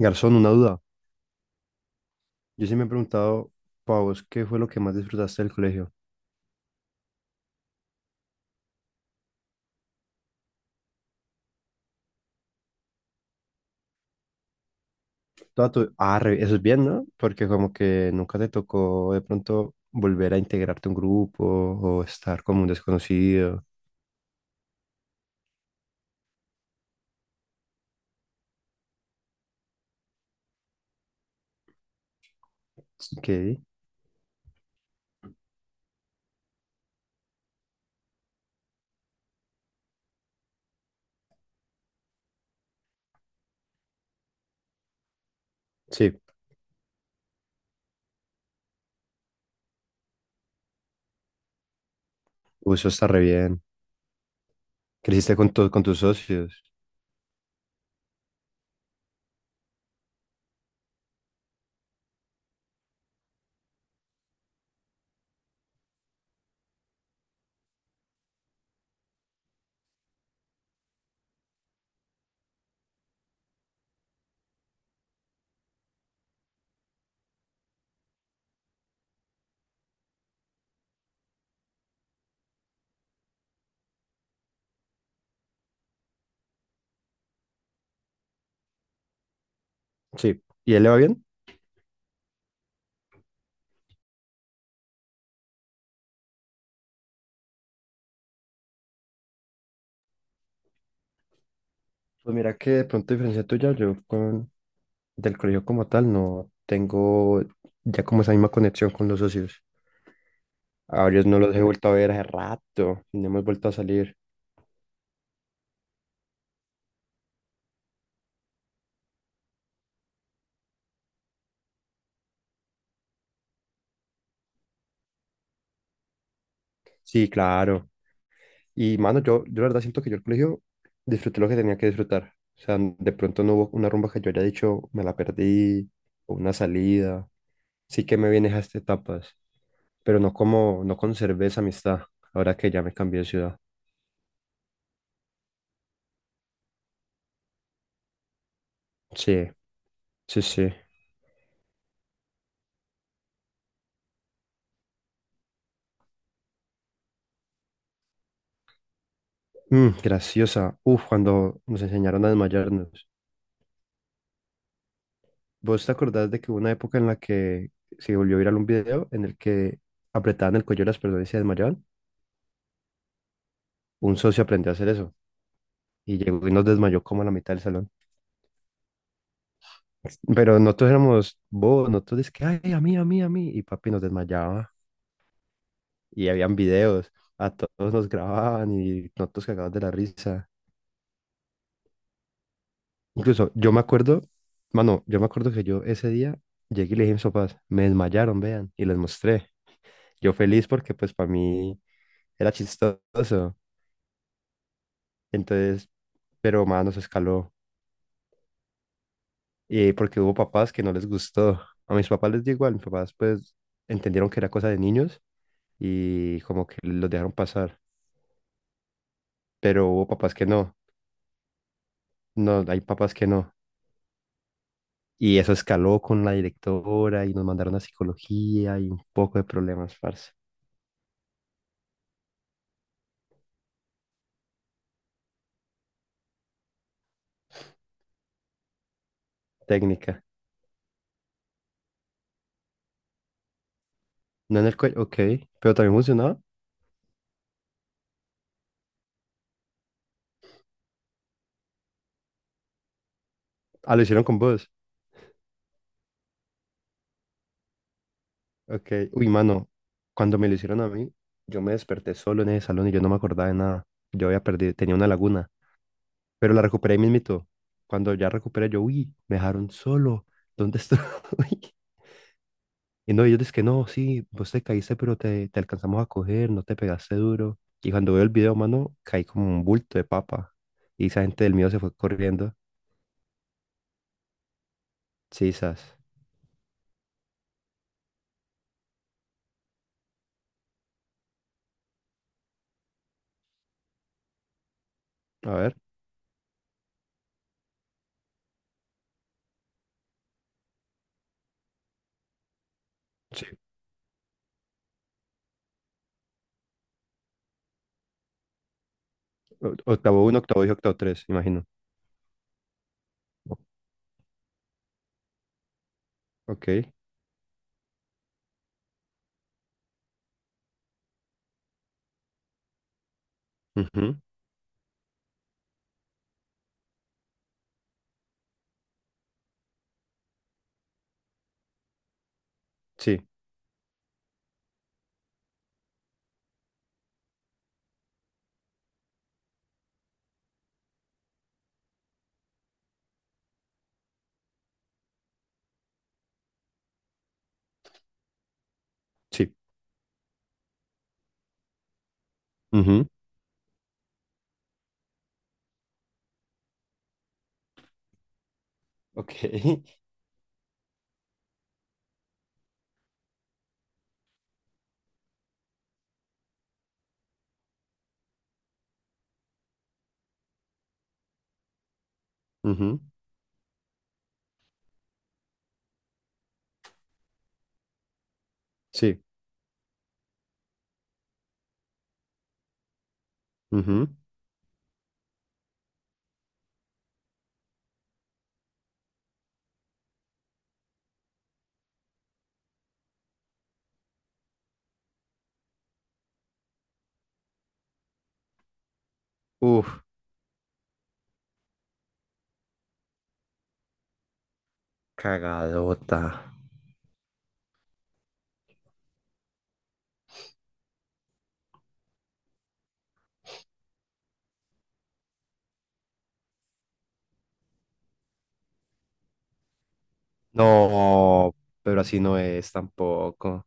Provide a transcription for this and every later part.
Garzón, una duda. Yo sí me he preguntado, Pavos, ¿qué fue lo que más disfrutaste del colegio? Toda tu... Ah, eso es bien, ¿no? Porque como que nunca te tocó de pronto volver a integrarte a un grupo o estar como un desconocido. ¿Qué? Sí, uh, eso está re bien. Creciste con, con tus socios. Sí. ¿Y él le va bien? Pues mira que de pronto a diferencia tuya, yo con... del colegio como tal no tengo ya como esa misma conexión con los socios. A varios no los he vuelto a ver hace rato y no hemos vuelto a salir. Sí, claro. Y mano, yo la verdad siento que yo el colegio disfruté lo que tenía que disfrutar. O sea, de pronto no hubo una rumba que yo haya dicho, me la perdí, o una salida. Sí que me vienes a estas etapas, pero no como, no conservé esa amistad ahora que ya me cambié de ciudad. Sí, sí, sí. Mm, graciosa. Uf, cuando nos enseñaron a desmayarnos. ¿Vos te acordás de que hubo una época en la que se volvió viral un video en el que apretaban el cuello de las personas y se desmayaban? Un socio aprendió a hacer eso. Y llegó y nos desmayó como a la mitad del salón. Pero nosotros éramos bobos, nosotros es que, ay, a mí, a mí, a mí. Y papi nos desmayaba. Y habían videos, a todos nos grababan y nosotros cagados de la risa. Incluso yo me acuerdo, mano, yo me acuerdo que yo ese día llegué y le dije a mis papás, me desmayaron, vean, y les mostré. Yo feliz porque pues para mí era chistoso. Entonces, pero mano se escaló. Y porque hubo papás que no les gustó. A mis papás les dio igual, mis papás pues entendieron que era cosa de niños y como que los dejaron pasar, pero hubo papás que no, no, hay papás que no. Y eso escaló con la directora y nos mandaron a psicología y un poco de problemas, parce. Técnica. No en el cuello, ok, pero también funcionaba. Ah, lo hicieron con vos. Ok, uy, mano, cuando me lo hicieron a mí, yo me desperté solo en ese salón y yo no me acordaba de nada. Yo había perdido, tenía una laguna, pero la recuperé ahí mismito. Cuando ya recuperé, yo, uy, me dejaron solo. ¿Dónde estoy? Y no, ellos dicen que no, sí, vos te caíste, pero te alcanzamos a coger, no te pegaste duro. Y cuando veo el video, mano, caí como un bulto de papa. Y esa gente del mío se fue corriendo. Sí, sas. A ver. Sí. Octavo uno, octavo y octavo tres, imagino. Ok. Ujú. Sí, sí. Ujú. Ok. Ujú. Sí. Ujú. Uf, cagadota. No, pero así no es tampoco,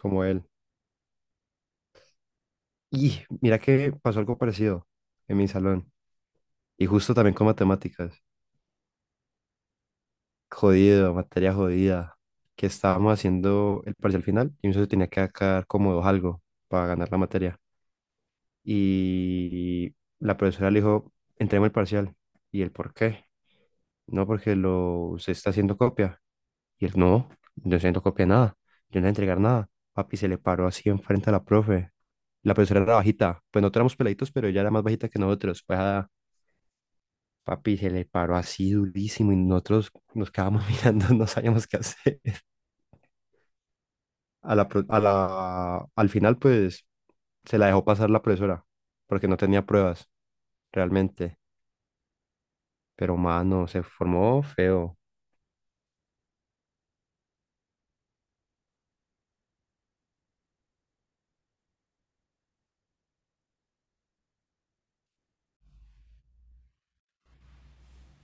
como él. Y mira que pasó algo parecido en mi salón. Y justo también con matemáticas. Jodido, materia jodida. Que estábamos haciendo el parcial final y mi socio tenía que sacar como dos algo para ganar la materia. Y la profesora le dijo, entreguemos el parcial. ¿Y el por qué? No, porque lo, se está haciendo copia. Y él, no, yo no estoy haciendo copia de nada. Yo no voy a entregar nada. Papi se le paró así enfrente a la profe. La profesora era bajita. Pues no éramos peladitos, pero ella era más bajita que nosotros. Pues ah, Papi, se le paró así durísimo y nosotros nos quedábamos mirando, no sabíamos qué hacer. A la, a la, al final, pues, se la dejó pasar la profesora, porque no tenía pruebas, realmente. Pero, mano, se formó feo,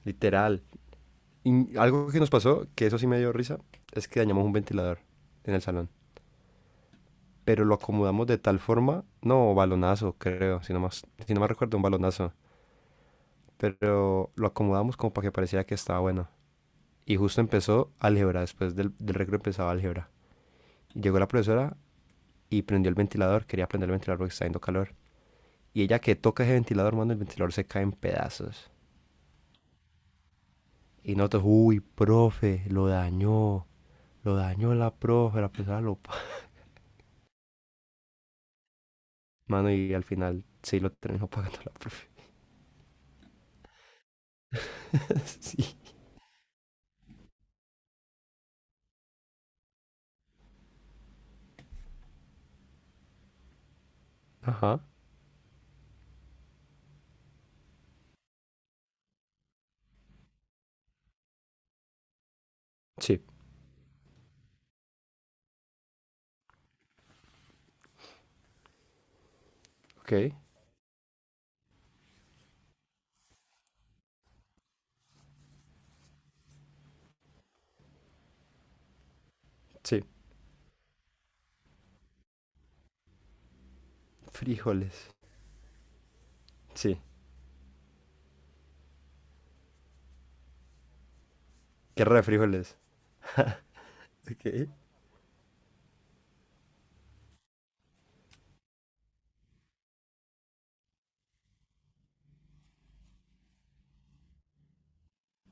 literal. Y algo que nos pasó, que eso sí me dio risa, es que dañamos un ventilador en el salón. Pero lo acomodamos de tal forma, no, balonazo, creo, si no más, si no más recuerdo, un balonazo. Pero lo acomodamos como para que pareciera que estaba bueno. Y justo empezó álgebra, después del recreo empezaba álgebra. Llegó la profesora y prendió el ventilador, quería prender el ventilador porque está haciendo calor. Y ella que toca ese ventilador, mano, el ventilador se cae en pedazos. Y nosotros, uy, profe, lo dañó la profe, la profesora lo... Mano, y al final sí lo terminó pagando la profe. Sí. Ajá. Sí. Ok. Sí. Frijoles. Sí. Guerra de frijoles. Ok.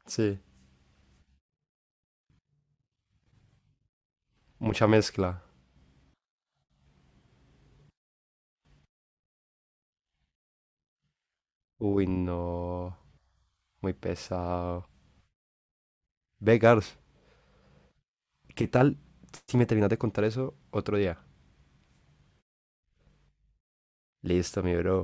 Sí. Mucha mezcla. Uy, no. Muy pesado. Ve, Gars, ¿qué tal si me terminas de contar eso otro día? Listo, mi bro.